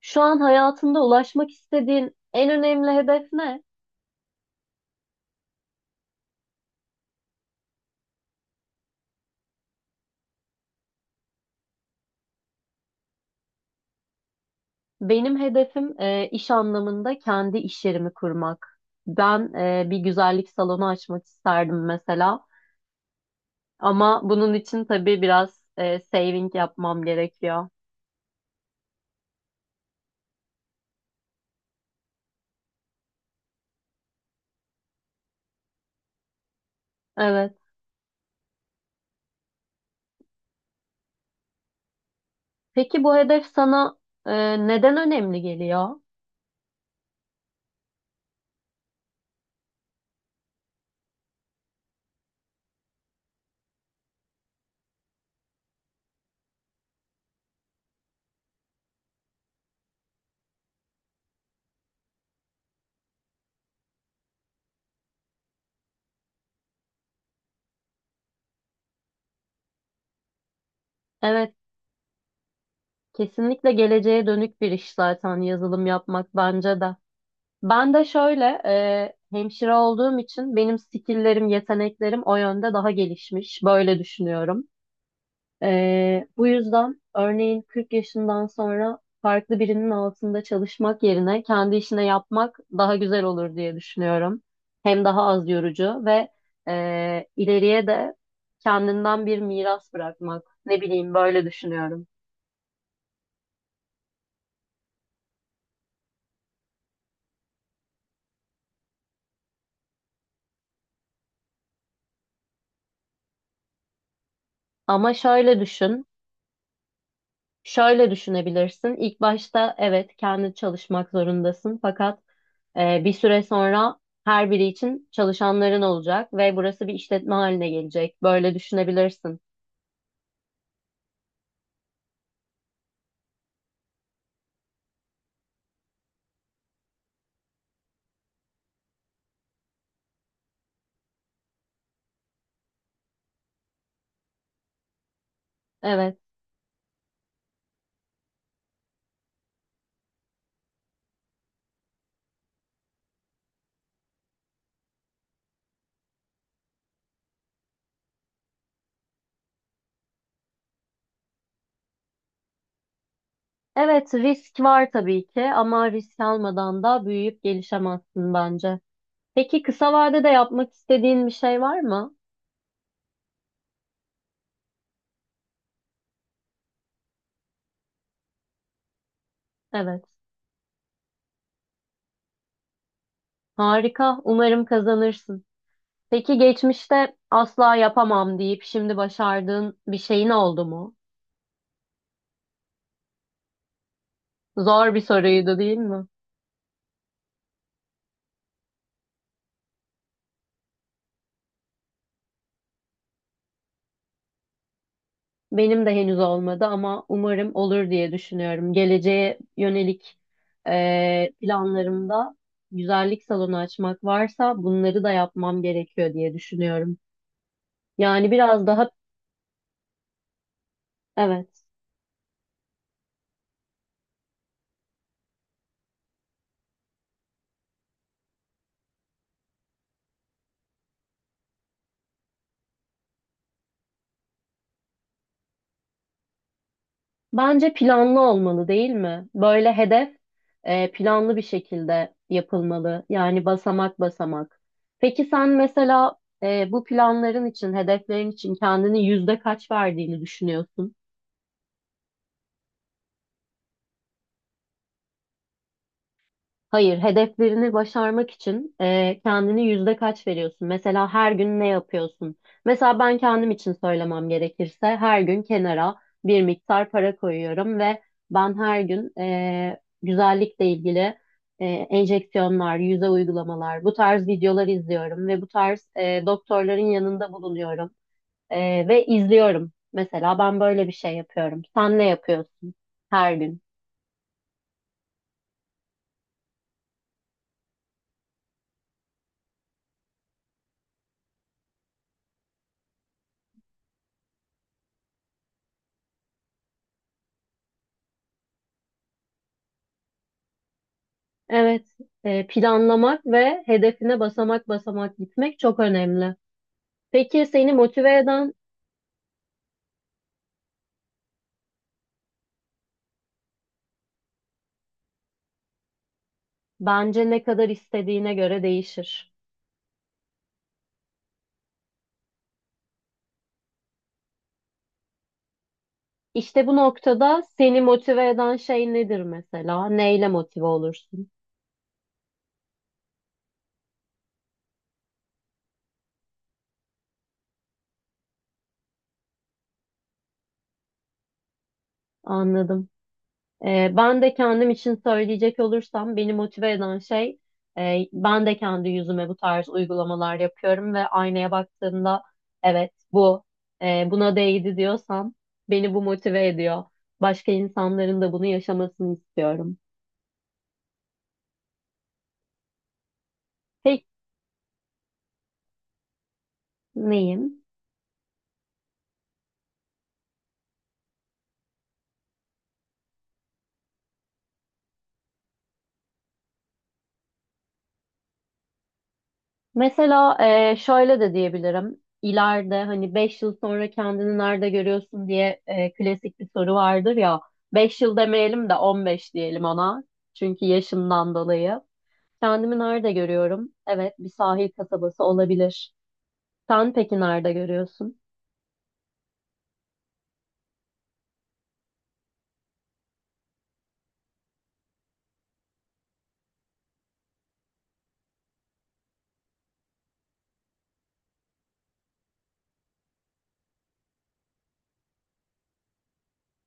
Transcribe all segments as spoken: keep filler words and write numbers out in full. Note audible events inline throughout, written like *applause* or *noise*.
Şu an hayatında ulaşmak istediğin en önemli hedef ne? Benim hedefim e, iş anlamında kendi iş yerimi kurmak. Ben e, bir güzellik salonu açmak isterdim mesela. Ama bunun için tabii biraz e, saving yapmam gerekiyor. Evet. Peki bu hedef sana e, neden önemli geliyor? Evet, kesinlikle geleceğe dönük bir iş zaten yazılım yapmak bence de. Ben de şöyle e, hemşire olduğum için benim skilllerim, yeteneklerim o yönde daha gelişmiş. Böyle düşünüyorum. E, bu yüzden örneğin kırk yaşından sonra farklı birinin altında çalışmak yerine kendi işine yapmak daha güzel olur diye düşünüyorum. Hem daha az yorucu ve e, ileriye de kendinden bir miras bırakmak. Ne bileyim böyle düşünüyorum. Ama şöyle düşün. Şöyle düşünebilirsin. İlk başta evet kendi çalışmak zorundasın fakat e, bir süre sonra her biri için çalışanların olacak ve burası bir işletme haline gelecek. Böyle düşünebilirsin. Evet. Evet risk var tabii ki ama risk almadan da büyüyüp gelişemezsin bence. Peki kısa vadede yapmak istediğin bir şey var mı? Evet. Harika. Umarım kazanırsın. Peki geçmişte asla yapamam deyip şimdi başardığın bir şeyin oldu mu? Zor bir soruydu değil mi? Benim de henüz olmadı ama umarım olur diye düşünüyorum. Geleceğe yönelik eee, planlarımda güzellik salonu açmak varsa bunları da yapmam gerekiyor diye düşünüyorum. Yani biraz daha evet. Bence planlı olmalı değil mi? Böyle hedef eee, planlı bir şekilde yapılmalı. Yani basamak basamak. Peki sen mesela eee, bu planların için, hedeflerin için kendini yüzde kaç verdiğini düşünüyorsun? Hayır, hedeflerini başarmak için e, kendini yüzde kaç veriyorsun? Mesela her gün ne yapıyorsun? Mesela ben kendim için söylemem gerekirse her gün kenara bir miktar para koyuyorum ve ben her gün e, güzellikle ilgili e, enjeksiyonlar, yüze uygulamalar, bu tarz videolar izliyorum ve bu tarz e, doktorların yanında bulunuyorum e, ve izliyorum. Mesela ben böyle bir şey yapıyorum. Sen ne yapıyorsun her gün? Evet, e, planlamak ve hedefine basamak basamak gitmek çok önemli. Peki seni motive eden bence ne kadar istediğine göre değişir. İşte bu noktada seni motive eden şey nedir mesela? Neyle motive olursun? Anladım. Ee, ben de kendim için söyleyecek olursam beni motive eden şey e, ben de kendi yüzüme bu tarz uygulamalar yapıyorum ve aynaya baktığımda evet bu e, buna değdi diyorsam beni bu motive ediyor. Başka insanların da bunu yaşamasını istiyorum. Peki neyim? Mesela e, şöyle de diyebilirim. İleride hani beş yıl sonra kendini nerede görüyorsun diye e, klasik bir soru vardır ya. Beş yıl demeyelim de on beş diyelim ona. Çünkü yaşımdan dolayı. Kendimi nerede görüyorum? Evet, bir sahil kasabası olabilir. Sen peki nerede görüyorsun?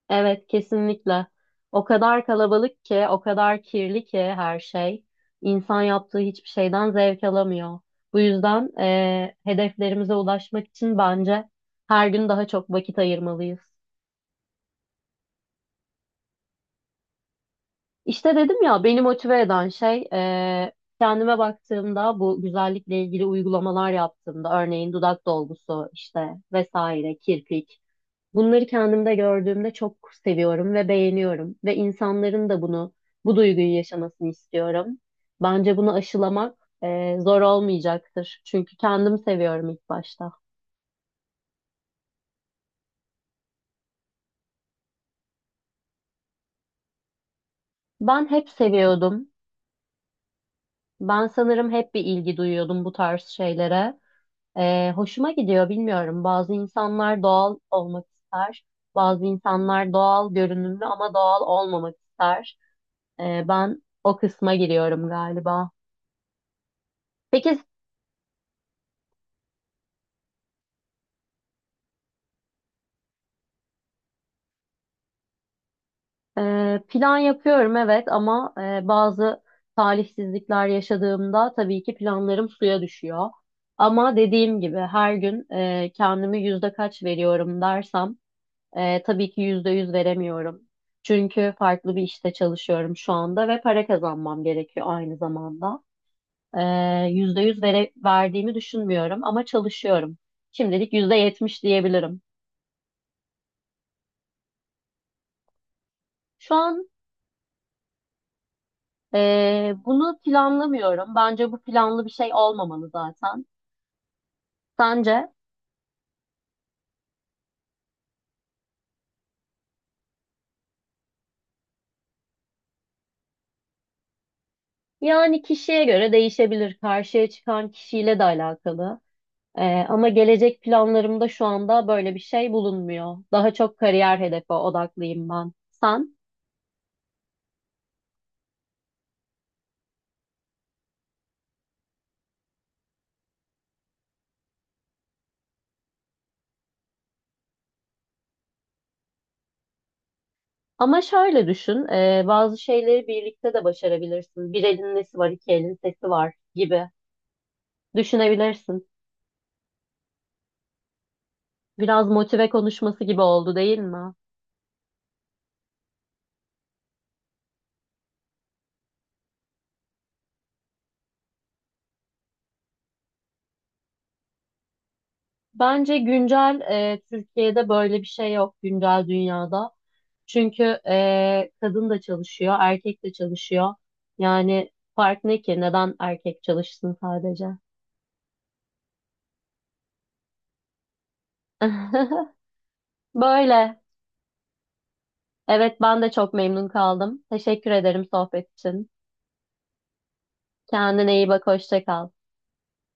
Evet, kesinlikle. O kadar kalabalık ki, o kadar kirli ki her şey. İnsan yaptığı hiçbir şeyden zevk alamıyor. Bu yüzden eee, hedeflerimize ulaşmak için bence her gün daha çok vakit ayırmalıyız. İşte dedim ya, beni motive eden şey eee, kendime baktığımda bu güzellikle ilgili uygulamalar yaptığımda, örneğin dudak dolgusu işte vesaire, kirpik. Bunları kendimde gördüğümde çok seviyorum ve beğeniyorum ve insanların da bunu, bu duyguyu yaşamasını istiyorum. Bence bunu aşılamak e, zor olmayacaktır. Çünkü kendim seviyorum ilk başta. Ben hep seviyordum. Ben sanırım hep bir ilgi duyuyordum bu tarz şeylere. E, hoşuma gidiyor, bilmiyorum. Bazı insanlar doğal olmak ister. Bazı insanlar doğal görünümlü ama doğal olmamak ister. E, ben o kısma giriyorum galiba. Peki Ee, plan yapıyorum evet ama e, bazı talihsizlikler yaşadığımda tabii ki planlarım suya düşüyor. Ama dediğim gibi her gün e, kendimi yüzde kaç veriyorum dersem e, tabii ki yüzde yüz veremiyorum. Çünkü farklı bir işte çalışıyorum şu anda ve para kazanmam gerekiyor aynı zamanda. Ee, Yüzde yüz vere, verdiğimi düşünmüyorum ama çalışıyorum. Şimdilik yüzde yetmiş diyebilirim. Şu an Ee, bunu planlamıyorum. Bence bu planlı bir şey olmamalı zaten. Sence? Yani kişiye göre değişebilir. Karşıya çıkan kişiyle de alakalı. Ee, ama gelecek planlarımda şu anda böyle bir şey bulunmuyor. Daha çok kariyer hedefe odaklıyım ben. Sen? Ama şöyle düşün, e, bazı şeyleri birlikte de başarabilirsin. Bir elin nesi var, iki elin sesi var gibi düşünebilirsin. Biraz motive konuşması gibi oldu değil mi? Bence güncel e, Türkiye'de böyle bir şey yok güncel dünyada. Çünkü e, kadın da çalışıyor, erkek de çalışıyor. Yani fark ne ki? Neden erkek çalışsın sadece? *laughs* Böyle. Evet ben de çok memnun kaldım. Teşekkür ederim sohbet için. Kendine iyi bak, hoşça kal.